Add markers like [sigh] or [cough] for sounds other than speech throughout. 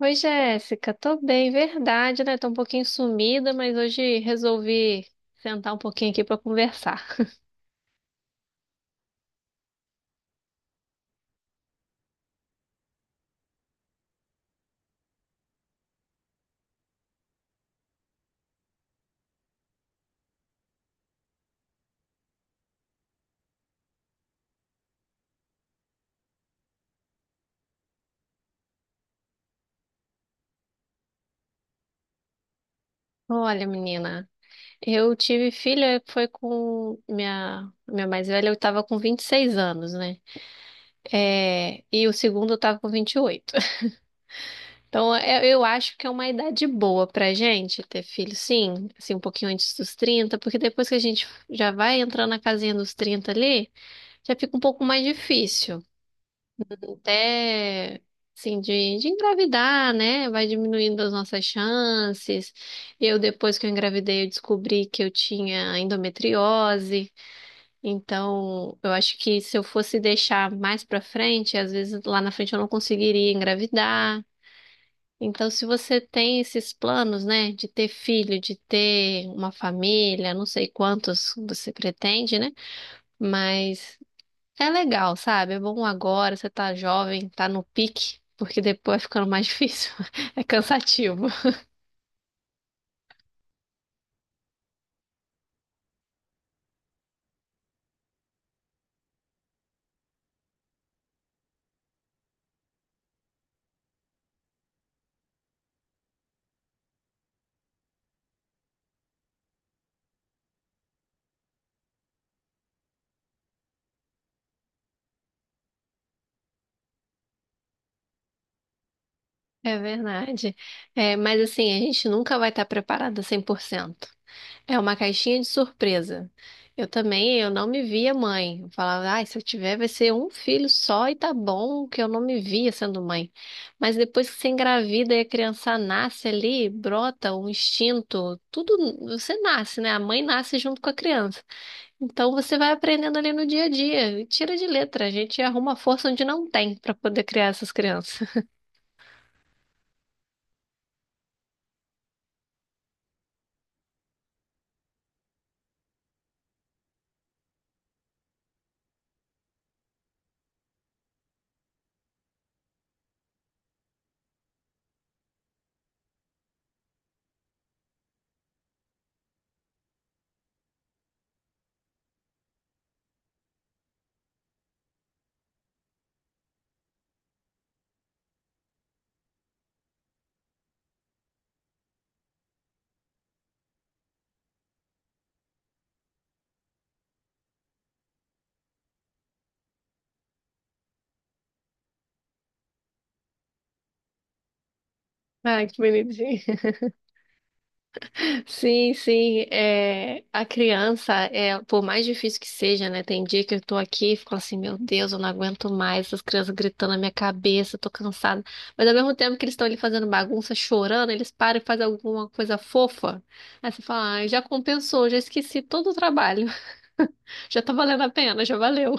Oi, Jéssica, tô bem, verdade, né? Tô um pouquinho sumida, mas hoje resolvi sentar um pouquinho aqui pra conversar. Olha, menina, eu tive filha, foi com minha mais velha, eu tava com 26 anos, né? É, e o segundo eu tava com 28. [laughs] Então, eu acho que é uma idade boa pra gente ter filho, sim, assim, um pouquinho antes dos 30, porque depois que a gente já vai entrando na casinha dos 30 ali, já fica um pouco mais difícil, até assim de engravidar, né? Vai diminuindo as nossas chances. Eu depois que eu engravidei, eu descobri que eu tinha endometriose. Então, eu acho que se eu fosse deixar mais pra frente, às vezes lá na frente eu não conseguiria engravidar. Então, se você tem esses planos, né, de ter filho, de ter uma família, não sei quantos você pretende, né? Mas é legal, sabe? É bom agora, você tá jovem, tá no pique, porque depois vai ficando mais difícil. [laughs] É cansativo. É verdade. É, mas assim, a gente nunca vai estar preparada 100%. É uma caixinha de surpresa. Eu também, eu não me via mãe. Eu falava, ai, se eu tiver, vai ser um filho só e tá bom, que eu não me via sendo mãe. Mas depois que você engravida e a criança nasce ali, brota um instinto, tudo, você nasce, né? A mãe nasce junto com a criança. Então você vai aprendendo ali no dia a dia. E tira de letra, a gente arruma força onde não tem para poder criar essas crianças. [laughs] Ai, que bonitinho. [laughs] Sim, sim. É, a criança, é, por mais difícil que seja, né? Tem dia que eu tô aqui e fico assim, meu Deus, eu não aguento mais essas crianças gritando na minha cabeça, eu tô cansada. Mas ao mesmo tempo que eles estão ali fazendo bagunça, chorando, eles param e fazem alguma coisa fofa. Aí você fala, ai, já compensou, já esqueci todo o trabalho. [laughs] Já tá valendo a pena, já valeu.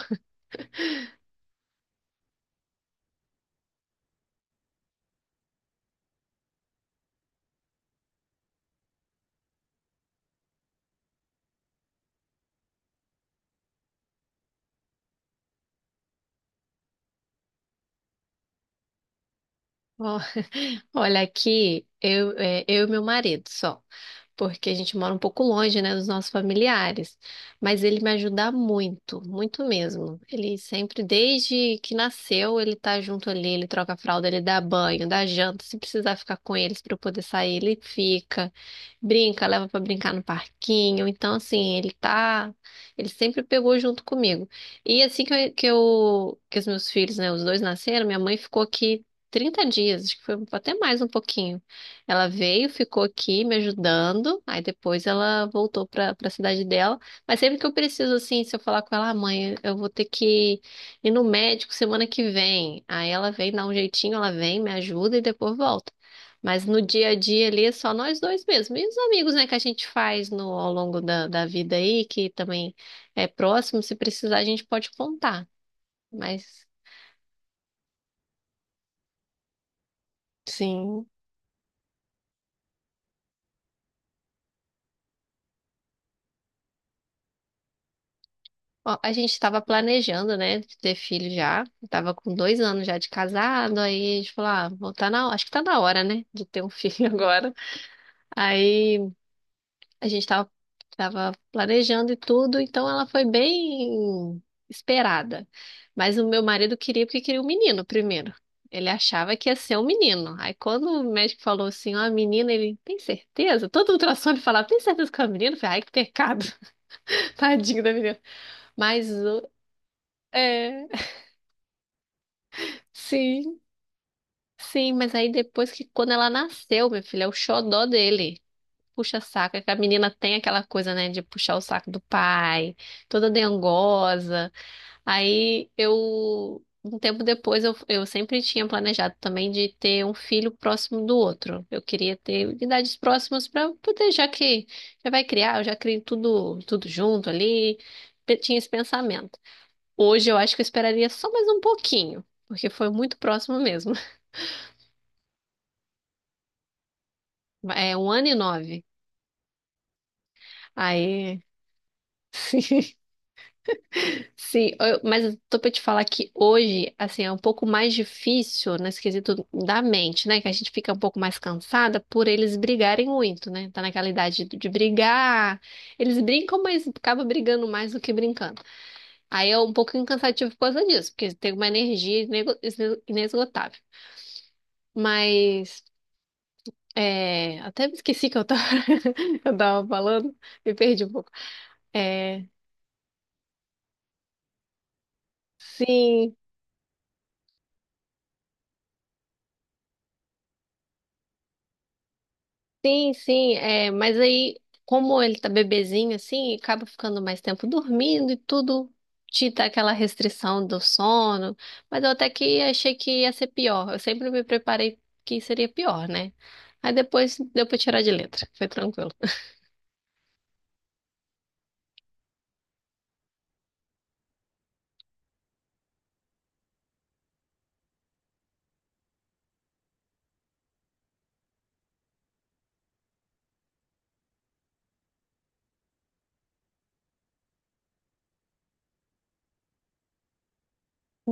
Olha, aqui eu e meu marido só, porque a gente mora um pouco longe, né, dos nossos familiares. Mas ele me ajuda muito, muito mesmo. Ele sempre, desde que nasceu, ele tá junto ali, ele troca a fralda, ele dá banho, dá janta. Se precisar ficar com eles para eu poder sair, ele fica. Brinca, leva para brincar no parquinho. Então, assim, ele tá, ele sempre pegou junto comigo. E assim que eu, que os meus filhos, né, os dois nasceram, minha mãe ficou aqui 30 dias, acho que foi até mais um pouquinho. Ela veio, ficou aqui me ajudando, aí depois ela voltou para a cidade dela. Mas sempre que eu preciso, assim, se eu falar com ela, ah, mãe, eu vou ter que ir no médico semana que vem. Aí ela vem, dá um jeitinho, ela vem, me ajuda e depois volta. Mas no dia a dia ali é só nós dois mesmo. E os amigos, né, que a gente faz no, ao longo da, da vida aí, que também é próximo, se precisar a gente pode contar. Mas sim. Ó, a gente estava planejando, né, de ter filho já. Tava com 2 anos já de casado, aí a gente falou, ah, bom, tá na, acho que tá na hora, né, de ter um [laughs] filho agora. Aí a gente tava, tava planejando e tudo, então ela foi bem esperada. Mas o meu marido queria porque queria um menino primeiro. Ele achava que ia ser um menino. Aí quando o médico falou assim, ó, menina, ele, tem certeza? Todo ultrassom ele falava, tem certeza que é um menino? Eu falei, ai, que pecado. [laughs] Tadinho da menina. Mas é. Sim, sim, mas aí depois que quando ela nasceu, meu filho, é o xodó dele. Puxa saco, é que a menina tem aquela coisa, né, de puxar o saco do pai, toda dengosa. Aí eu, um tempo depois, eu sempre tinha planejado também de ter um filho próximo do outro. Eu queria ter idades próximas para poder, já que já vai criar, eu já crio tudo, tudo junto ali. Eu tinha esse pensamento. Hoje eu acho que eu esperaria só mais um pouquinho, porque foi muito próximo mesmo. É um ano e nove. Aí. [laughs] Sim, mas eu tô pra te falar que hoje, assim, é um pouco mais difícil nesse quesito da mente, né? Que a gente fica um pouco mais cansada por eles brigarem muito, né? Tá naquela idade de brigar. Eles brincam, mas acaba brigando mais do que brincando. Aí é um pouco cansativo por causa disso, porque tem uma energia inesgotável. Mas. É, até me esqueci que eu tava, [laughs] eu tava falando, me perdi um pouco. É, sim. Sim, sim, é, mas aí, como ele tá bebezinho assim, acaba ficando mais tempo dormindo e tudo te dá aquela restrição do sono. Mas eu até que achei que ia ser pior. Eu sempre me preparei que seria pior, né? Aí depois deu pra tirar de letra, foi tranquilo.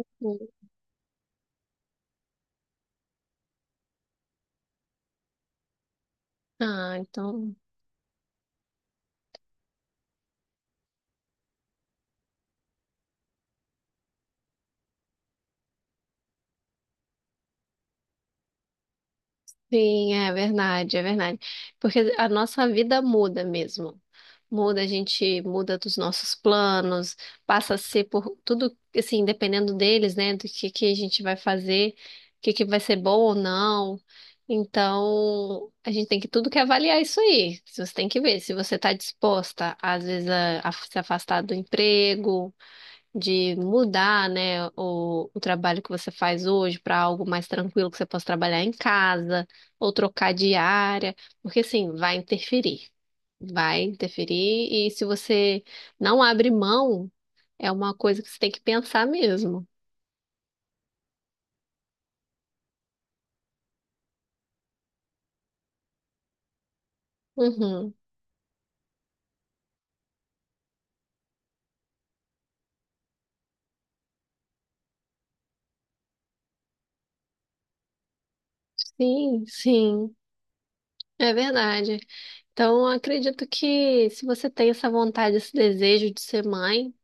Hum. Ah, então. Sim, é verdade, é verdade. Porque a nossa vida muda mesmo. Muda, a gente muda dos nossos planos, passa a ser por tudo, assim, dependendo deles, né, do que a gente vai fazer, o que que vai ser bom ou não. Então, a gente tem que tudo que avaliar é isso aí. Você tem que ver se você está disposta, às vezes, a se afastar do emprego, de mudar, né, o trabalho que você faz hoje para algo mais tranquilo que você possa trabalhar em casa ou trocar de área, porque assim, vai interferir e se você não abre mão, é uma coisa que você tem que pensar mesmo. Uhum. Sim, sim. É verdade. Então, eu acredito que se você tem essa vontade, esse desejo de ser mãe,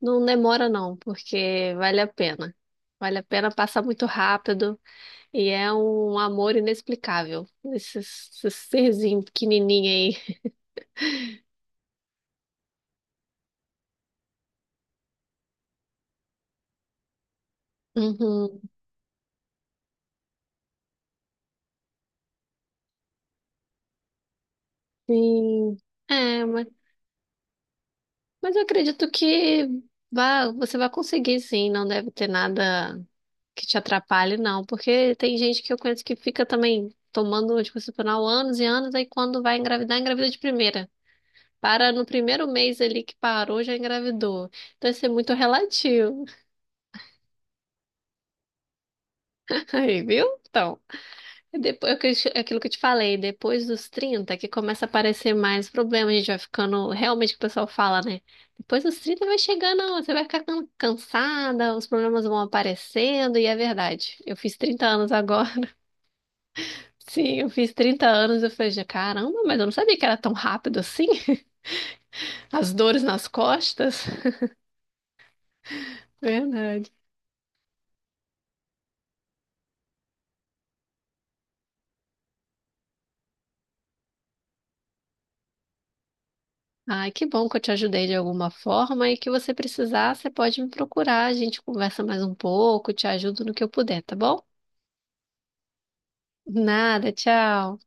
não demora não, porque vale a pena. Vale a pena passar muito rápido. E é um amor inexplicável, esse serzinho pequenininho aí. Uhum, sim. É, mas eu acredito que vá, você vai conseguir sim, não deve ter nada que te atrapalhe, não. Porque tem gente que eu conheço que fica também tomando anticoncepcional anos e anos, aí quando vai engravidar, engravida de primeira. Para no primeiro mês ali que parou, já engravidou. Então isso é muito relativo. [laughs] Aí, viu? Então. Depois, é o que eu te- é aquilo que eu te falei, depois dos 30 que começa a aparecer mais problema, a gente vai ficando, realmente o que o pessoal fala, né? Depois dos 30 vai chegando, você vai ficar cansada, os problemas vão aparecendo, e é verdade. Eu fiz 30 anos agora. [laughs] Sim, eu fiz 30 anos, eu falei, "Já, caramba, mas eu não sabia que era tão rápido assim." [laughs] As dores nas costas. Verdade. Ai, que bom que eu te ajudei de alguma forma e que você precisar, você pode me procurar, a gente conversa mais um pouco, te ajudo no que eu puder, tá bom? Nada, tchau.